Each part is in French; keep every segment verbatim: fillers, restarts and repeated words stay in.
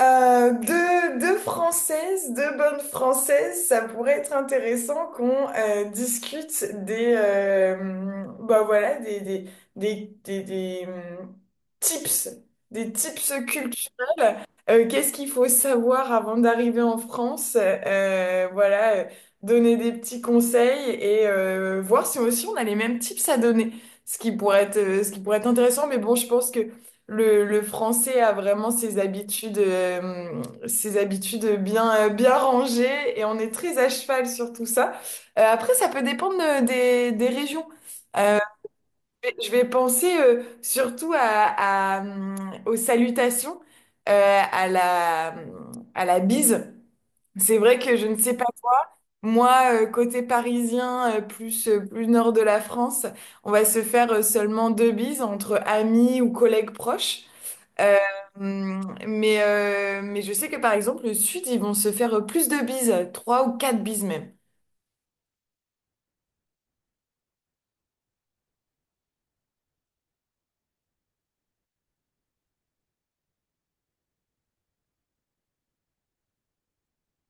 Euh, deux, deux Françaises, deux bonnes Françaises, ça pourrait être intéressant qu'on euh, discute des, euh, bah voilà, des, des, des, des, des, hum, tips, des tips culturels. Euh, qu'est-ce qu'il faut savoir avant d'arriver en France? Euh, voilà, euh, donner des petits conseils et euh, voir si aussi on a les mêmes tips à donner. Ce qui pourrait être, euh, ce qui pourrait être intéressant, mais bon, je pense que le, le français a vraiment ses habitudes, euh, ses habitudes bien, euh, bien rangées et on est très à cheval sur tout ça. Euh, après, ça peut dépendre de- des, des régions. Euh, je vais je vais penser euh, surtout à, à, hum, aux salutations, euh, à la, à la bise. C'est vrai que je ne sais pas, moi, euh, côté parisien, euh, plus, euh, plus nord de la France, on va se faire euh, seulement deux bises entre amis ou collègues proches. Euh, mais, euh, mais je sais que par exemple, le Sud, ils vont se faire plus de bises, trois ou quatre bises même.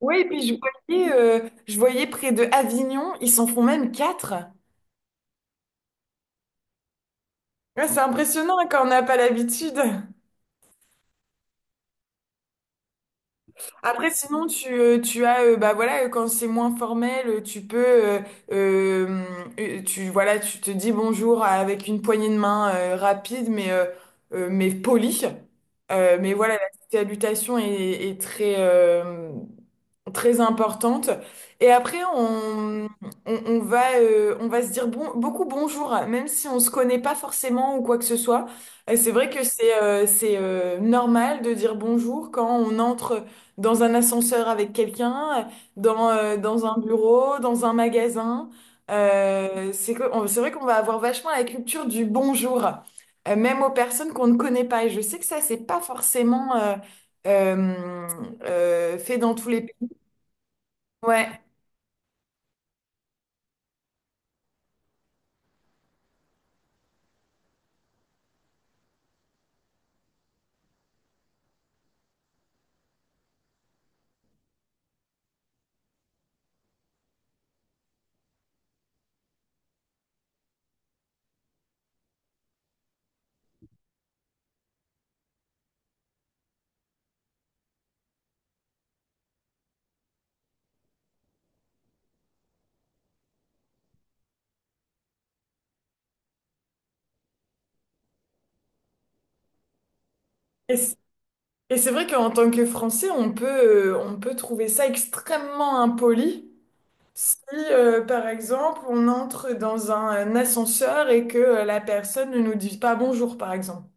Oui, et puis je voyais, euh, je voyais près de Avignon, ils s'en font même quatre. Ouais, c'est impressionnant hein, quand on n'a pas l'habitude. Après, sinon, tu, euh, tu as, euh, bah voilà, euh, quand c'est moins formel, euh, tu peux, euh, euh, euh, tu, voilà, tu te dis bonjour avec une poignée de main euh, rapide, mais, euh, euh, mais polie. Euh, mais voilà, la salutation est, est très, euh, très importante. Et après, on, on, on va, euh, on va se dire bon, beaucoup bonjour, même si on se connaît pas forcément ou quoi que ce soit. Et c'est vrai que c'est euh, c'est euh, normal de dire bonjour quand on entre dans un ascenseur avec quelqu'un, dans, euh, dans un bureau, dans un magasin. Euh, c'est que, on- c'est vrai qu'on va avoir vachement la culture du bonjour, euh, même aux personnes qu'on ne connaît pas. Et je sais que ça, c'est pas forcément... euh, euh, euh, fait dans tous les. Ouais. Et c- et c'est vrai qu'en tant que Français, on peut, euh, on peut trouver ça extrêmement impoli si, euh, par exemple, on entre dans un ascenseur et que euh, la personne ne nous dit pas bonjour, par exemple.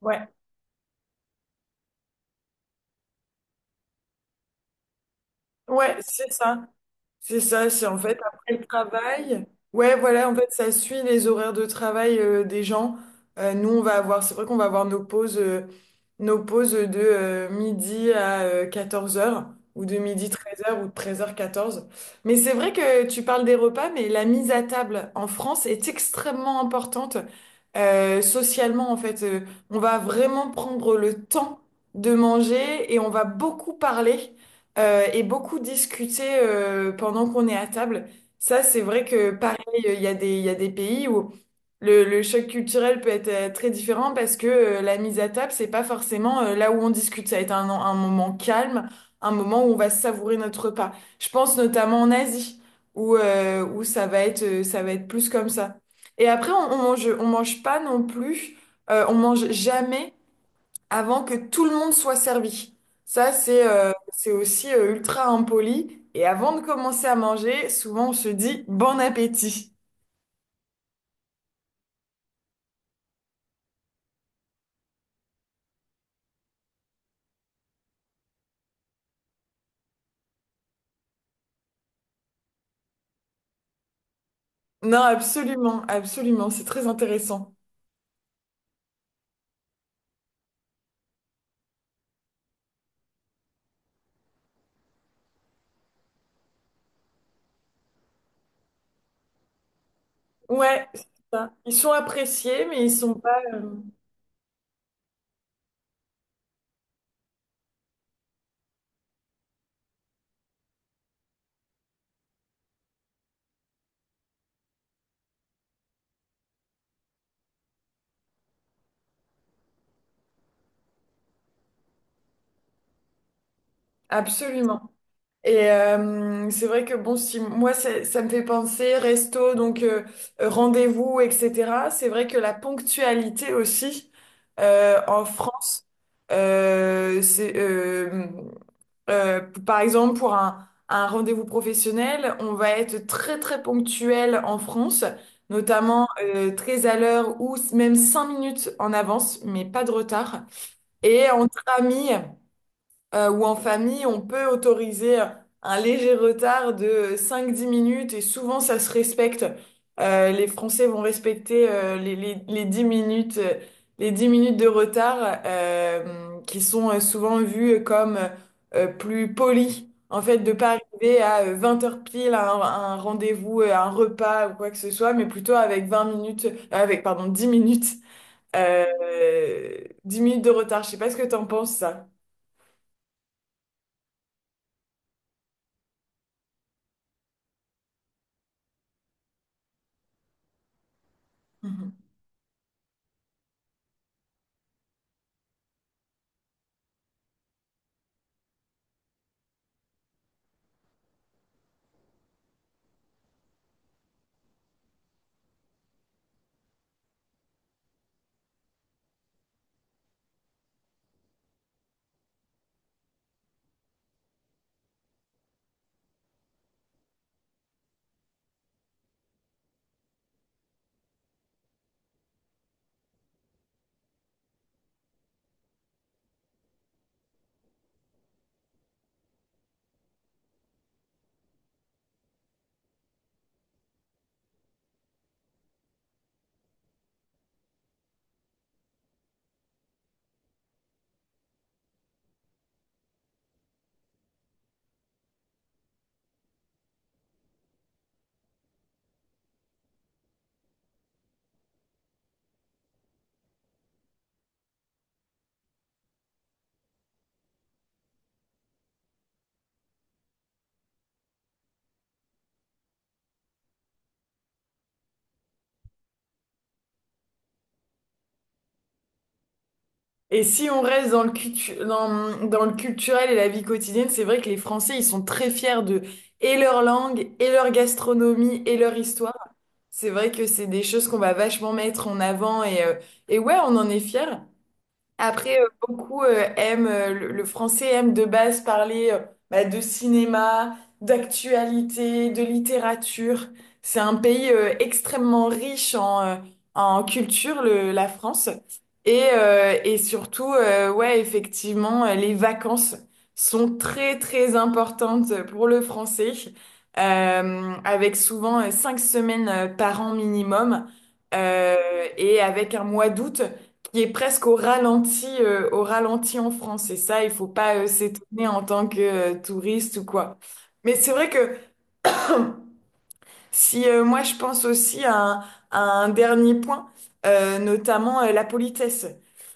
Ouais, ouais, c'est ça. C'est ça, c'est en fait après le travail. Ouais, voilà, en fait, ça suit les horaires de travail euh, des gens. Euh, nous, on va avoir, c'est vrai qu'on va avoir nos pauses, euh, nos pauses de euh, midi à quatorze heures ou de midi treize heures ou de treize heures quatorze. Mais c'est vrai que tu parles des repas, mais la mise à table en France est extrêmement importante, euh, socialement, en fait. Euh, on va vraiment prendre le temps de manger et on va beaucoup parler euh, et beaucoup discuter euh, pendant qu'on est à table. Ça, c'est vrai que pareil, il y a des, il y a des pays où le, le choc culturel peut être euh, très différent parce que euh, la mise à table, c'est pas forcément euh, là où on discute. Ça va être un, un moment calme, un moment où on va savourer notre repas. Je pense notamment en Asie où, euh, où ça va être, euh, ça va être plus comme ça. Et après, on, on mange, on mange pas non plus, euh, on mange jamais avant que tout le monde soit servi. Ça, c'est euh, c'est aussi euh, ultra impoli. Et avant de commencer à manger, souvent on se dit bon appétit. Non, absolument, absolument, c'est très intéressant. Ouais, c'est ça. Ils sont appréciés, mais ils sont pas euh, absolument. Et euh, c'est vrai que bon, si moi ça, ça me fait penser resto, donc euh, rendez-vous, et cetera. C'est vrai que la ponctualité aussi euh, en France. Euh, c'est, euh, Euh, Par exemple, pour un, un rendez-vous professionnel, on va être très très ponctuel en France, notamment euh, très à l'heure ou s- même cinq minutes en avance, mais pas de retard. Et entre amis, euh, ou en famille, on peut autoriser un léger retard de cinq dix minutes et souvent ça se respecte. Euh, les Français vont respecter euh, les, les, les dix minutes, euh, les dix minutes de retard euh, qui sont euh, souvent vues comme euh, plus polies. En fait, de pas arriver à euh, vingt heures pile à un, à un rendez-vous, euh, à un repas ou quoi que ce soit, mais plutôt avec vingt minutes, euh, avec, pardon, dix minutes, euh, dix minutes de retard. Je sais pas ce que t'en penses, ça. Et si on reste dans le cultu- dans, dans le culturel et la vie quotidienne, c'est vrai que les Français, ils sont très fiers de et leur langue, et leur gastronomie, et leur histoire. C'est vrai que c'est des choses qu'on va vachement mettre en avant et, euh, et ouais, on en est fiers. Après, euh, beaucoup euh, aiment, euh, le, le français aime de base parler euh, bah, de cinéma, d'actualité, de littérature. C'est un pays euh, extrêmement riche en, euh, en culture, le- la France. Et, euh, et surtout, euh, ouais, effectivement, euh, les vacances sont très, très importantes pour le français, euh, avec souvent euh, cinq semaines euh, par an minimum, euh, et avec un mois d'août qui est presque au ralenti, euh, au ralenti en France. Et ça, il faut pas euh, s'étonner en tant que euh, touriste ou quoi. Mais c'est vrai que si euh, moi je pense aussi à un, à un dernier point, euh, notamment euh, la politesse.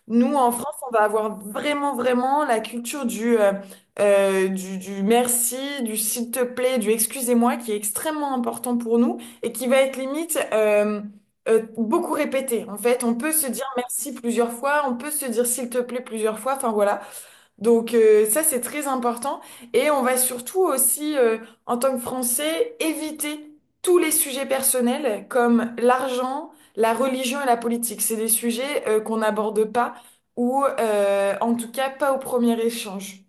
Nous en France, on va avoir vraiment vraiment la culture du euh, euh, du, du merci, du s'il te plaît, du excusez-moi qui est extrêmement important pour nous et qui va être limite euh, euh, beaucoup répété. En fait, on peut se dire merci plusieurs fois, on peut se dire s'il te plaît plusieurs fois. Enfin voilà. Donc euh, ça, c'est très important. Et on va surtout aussi, euh, en tant que Français, éviter tous les sujets personnels comme l'argent, la religion et la politique. C'est des sujets euh, qu'on n'aborde pas ou euh, en tout cas pas au premier échange.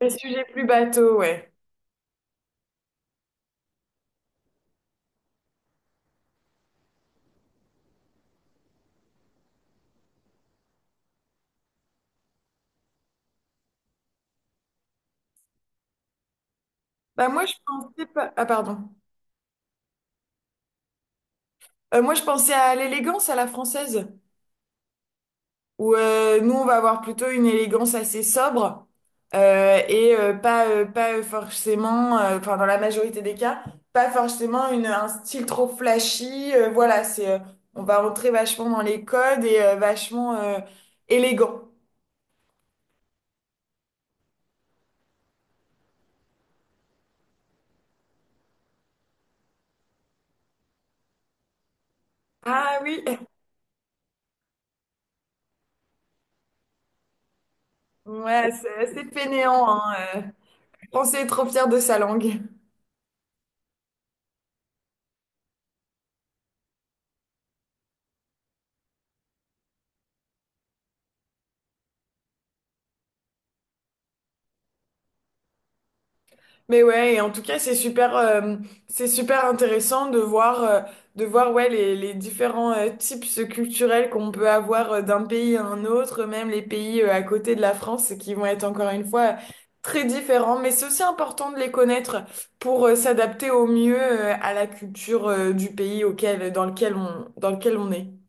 Les sujets plus bateaux, ouais. Bah moi, je pensais pas. Ah, pardon. Euh, moi, je pensais à l'élégance à la française. Où euh, nous on va avoir plutôt une élégance assez sobre euh, et euh, pas euh, pas forcément euh, enfin dans la majorité des cas pas forcément une un style trop flashy euh, voilà, c'est euh, on va rentrer vachement dans les codes et euh, vachement euh, élégant. Ah oui, ouais, c'est assez fainéant hein, euh. On s'est trop fier de sa langue. Mais ouais, et en tout cas, c'est super, euh, c'est super intéressant de voir, euh, de voir ouais, les, les différents euh, types culturels qu'on peut avoir euh, d'un pays à un autre, même les pays euh, à côté de la France, et qui vont être encore une fois euh, très différents. Mais c'est aussi important de les connaître pour euh, s'adapter au mieux euh, à la culture euh, du pays auquel, dans lequel on, dans lequel on est.